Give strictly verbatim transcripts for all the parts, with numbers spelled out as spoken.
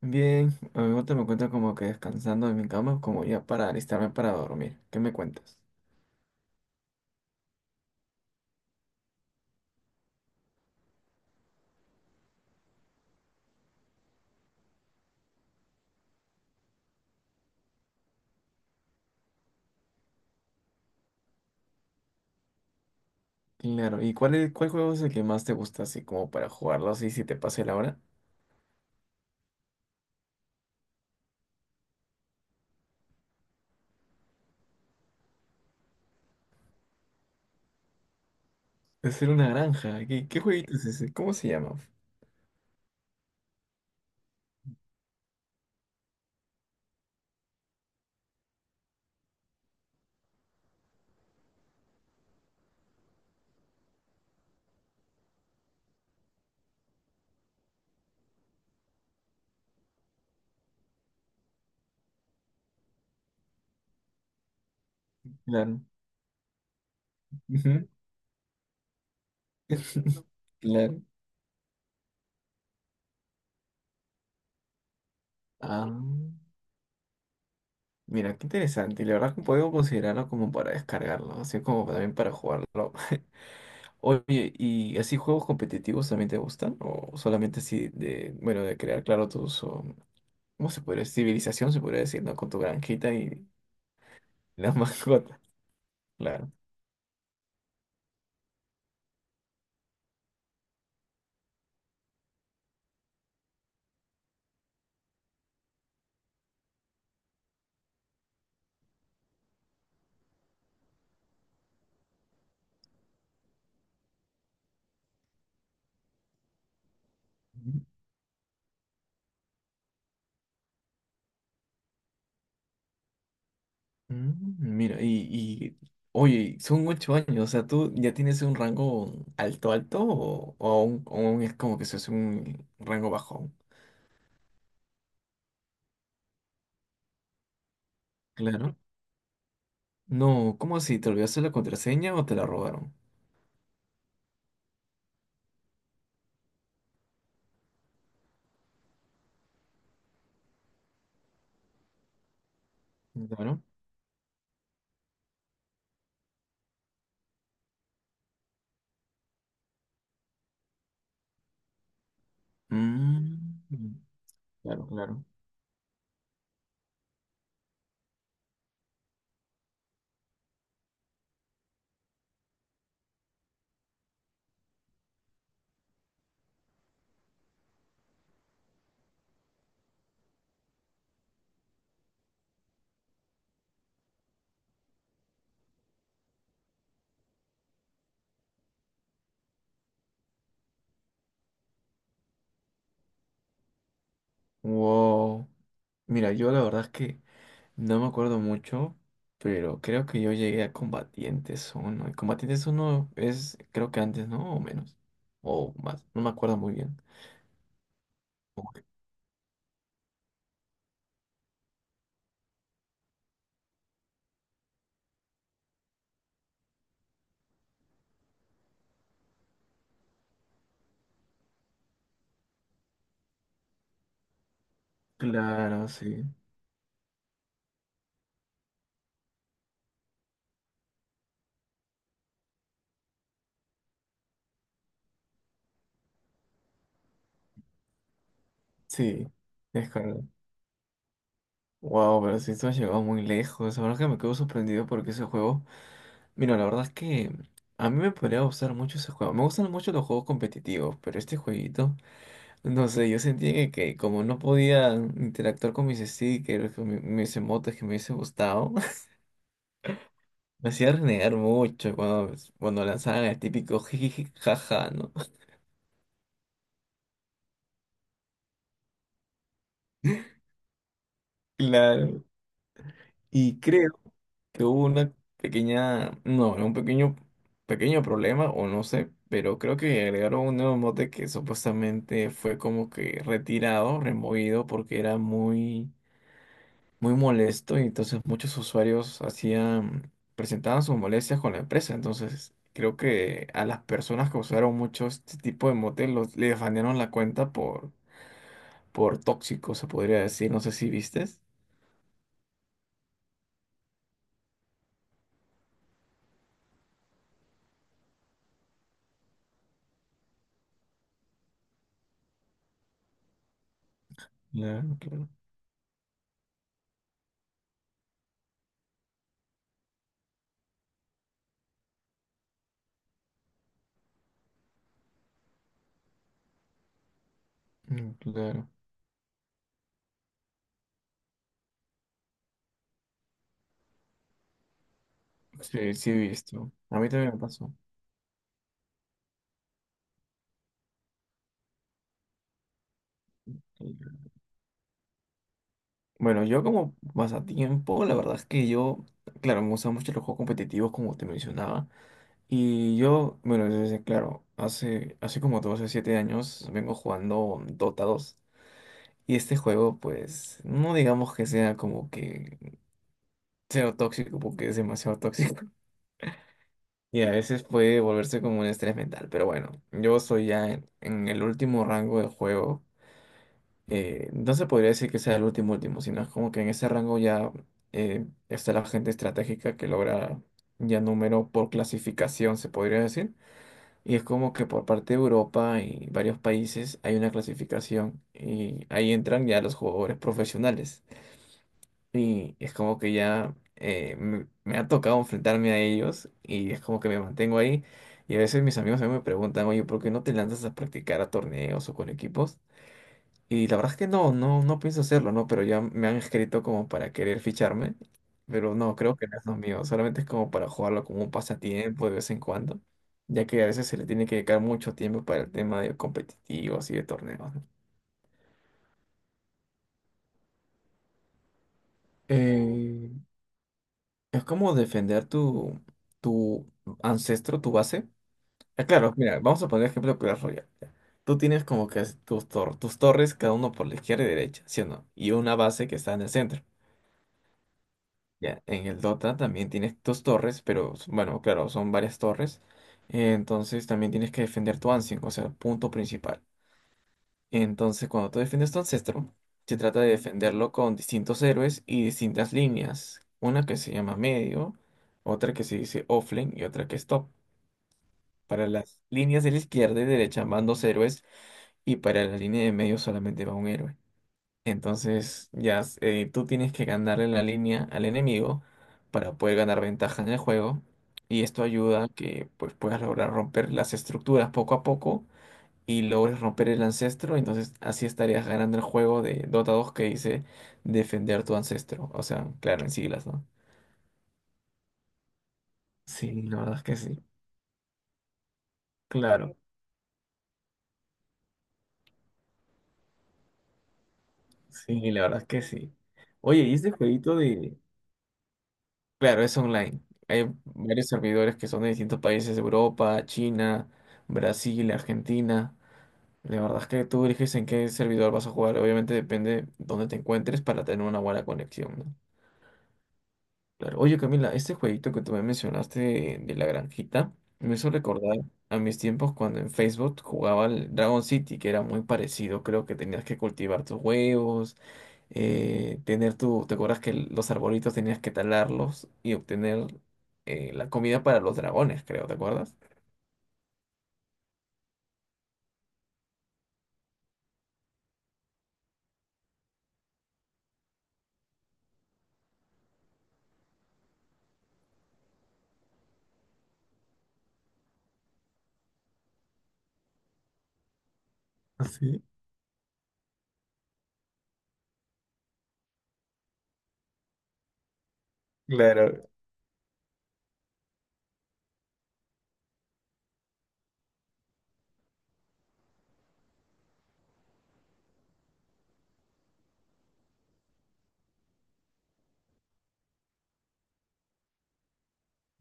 Bien, ahorita me encuentro como que descansando en mi cama, como ya para alistarme para dormir. ¿Qué me cuentas? Claro, ¿y cuál es, cuál juego es el que más te gusta así como para jugarlo así si te pase la hora? Es ser una granja. ¿Qué, qué jueguito es ese? ¿Cómo se llama? Claro. Ujú. Claro. Ah, mira, qué interesante. Y la verdad que puedo considerarlo como para descargarlo, así como también para jugarlo. Oye, ¿y así juegos competitivos también te gustan? ¿O solamente así de, bueno, de crear, claro, tus, ¿cómo se podría decir? Civilización se podría decir, ¿no? Con tu granjita y las mascotas, claro. Mm, Mira, y, y oye, son ocho años, o sea, ¿tú ya tienes un rango alto alto o, o aún, aún es como que se hace un rango bajo? Claro. No, ¿cómo así? ¿Te olvidaste la contraseña o te la robaron? Claro. Mm, claro, claro. Wow. Mira, yo la verdad es que no me acuerdo mucho, pero creo que yo llegué a Combatientes uno y Combatientes uno es, creo que antes, ¿no? O menos. O más. No me acuerdo muy bien. Ok. Claro, sí. Sí, es correcto. Wow, pero sí, esto ha llegado muy lejos. La verdad que me quedo sorprendido porque ese juego. Mira, la verdad es que a mí me podría gustar mucho ese juego. Me gustan mucho los juegos competitivos, pero este jueguito, no sé, yo sentía que, que como no podía interactuar con mis stickers, con mi- mis emotes que me hubiese gustado. Me hacía renegar mucho cuando, cuando lanzaban el típico jiji, jaja, ¿no? Claro. Y creo que hubo una pequeña, no, un pequeño, pequeño problema, o no sé, pero creo que agregaron un nuevo mote que supuestamente fue como que retirado, removido, porque era muy, muy molesto, y entonces muchos usuarios hacían, presentaban sus molestias con la empresa. Entonces, creo que a las personas que usaron mucho este tipo de mote los, les banearon la cuenta por por tóxico, se podría decir. No sé si vistes. Claro, claro. Mm, claro. Sí, sí he visto. A mí también me pasó. Bueno, yo como pasatiempo, la verdad es que yo, claro, me gustan mucho los juegos competitivos, como te mencionaba. Y yo, bueno, desde, claro, hace, hace como doce o siete años vengo jugando Dota dos. Y este juego, pues, no digamos que sea como que cero tóxico, porque es demasiado tóxico. Y a veces puede volverse como un estrés mental, pero bueno, yo soy ya en, en el último rango del juego. Eh, no se podría decir que sea el último último, sino es como que en ese rango ya eh, está la gente estratégica que logra ya número por clasificación, se podría decir. Y es como que por parte de Europa y varios países hay una clasificación y ahí entran ya los jugadores profesionales. Y es como que ya eh, me, me ha tocado enfrentarme a ellos y es como que me mantengo ahí. Y a veces mis amigos a mí me preguntan, oye, ¿por qué no te lanzas a practicar a torneos o con equipos? Y la verdad es que no, no, no pienso hacerlo, ¿no? Pero ya me han escrito como para querer ficharme. Pero no, creo que no es lo mío. Solamente es como para jugarlo como un pasatiempo de vez en cuando. Ya que a veces se le tiene que dedicar mucho tiempo para el tema de competitivos y de torneos, ¿no? Eh, Es como defender tu, tu ancestro, tu base. Ah, claro, mira, vamos a poner ejemplo de Clash Royale. Ya. Tú tienes como que es- tus, tor- tus torres, cada uno por la izquierda y derecha, ¿sí o no? Y una base que está en el centro. Ya, en el Dota también tienes tus torres, pero s- bueno, claro, son varias torres. Eh, Entonces también tienes que defender tu ancien, o sea, el punto principal. Entonces, cuando tú defiendes tu ancestro, se trata de defenderlo con distintos héroes y distintas líneas. Una que se llama medio, otra que se dice offlane y otra que es top. Para las líneas de la izquierda y derecha van dos héroes y para la línea de medio solamente va un héroe. Entonces, ya eh, tú tienes que ganarle la línea al enemigo para poder ganar ventaja en el juego y esto ayuda a que pues, puedas lograr romper las estructuras poco a poco y logres romper el ancestro, entonces así estarías ganando el juego de Dota dos que dice defender tu ancestro. O sea, claro, en siglas, ¿no? Sí, la verdad es que sí. Claro, sí, la verdad es que sí. Oye, y este jueguito de... Claro, es online. Hay varios servidores que son de distintos países, Europa, China, Brasil, Argentina. La verdad es que tú eliges en qué servidor vas a jugar. Obviamente depende de dónde te encuentres para tener una buena conexión, ¿no? Claro. Oye, Camila, este jueguito que tú me mencionaste de, de la granjita me hizo recordar a mis tiempos cuando en Facebook jugaba al Dragon City, que era muy parecido. Creo que tenías que cultivar tus huevos, eh, tener tu. ¿Te acuerdas que los arbolitos tenías que talarlos y obtener eh, la comida para los dragones, creo, ¿te acuerdas? ¿Ah, sí? Claro.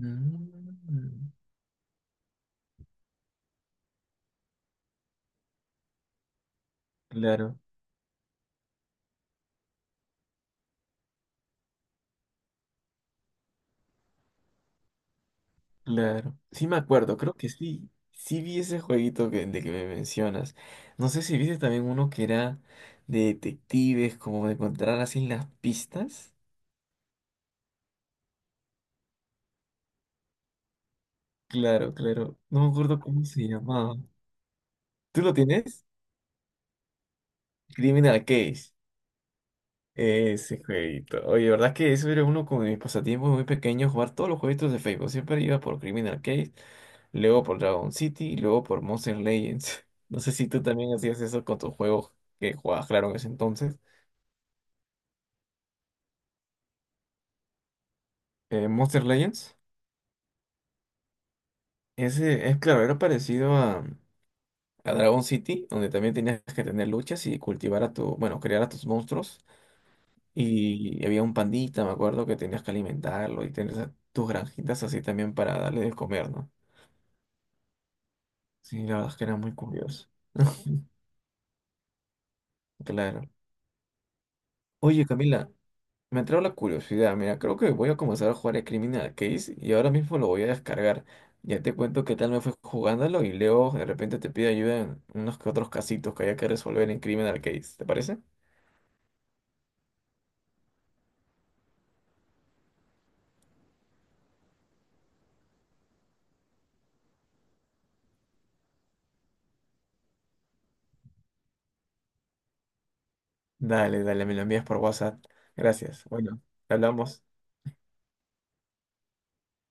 Mm, claro. Claro, sí me acuerdo, creo que sí, sí vi ese jueguito que, de que me mencionas. No sé si viste también uno que era de detectives, como de encontrar así las pistas. Claro, claro, no me acuerdo cómo se llamaba. ¿Tú lo tienes? Criminal Case. Ese jueguito. Oye, verdad que eso era uno como de mis pasatiempos muy pequeños, jugar todos los jueguitos de Facebook. Siempre iba por Criminal Case, luego por Dragon City y luego por Monster Legends. No sé si tú también hacías eso con tus juegos que jugabas, claro, en ese entonces. eh, Monster Legends. Ese es claro, era parecido a, a Dragon City, donde también tenías que tener luchas y cultivar a tu, bueno, crear a tus monstruos. Y había un pandita, me acuerdo, que tenías que alimentarlo y tener esa- tus granjitas así también para darle de comer, ¿no? Sí, la verdad es que era muy curioso. Claro. Oye, Camila, me entró la curiosidad, mira, creo que voy a comenzar a jugar el Criminal Case y ahora mismo lo voy a descargar. Ya te cuento qué tal me fue jugándolo y luego de repente te pido ayuda en unos que otros casitos que haya que resolver en Criminal Case, ¿te parece? Dale, dale, me lo envías por WhatsApp. Gracias. Bueno, te hablamos.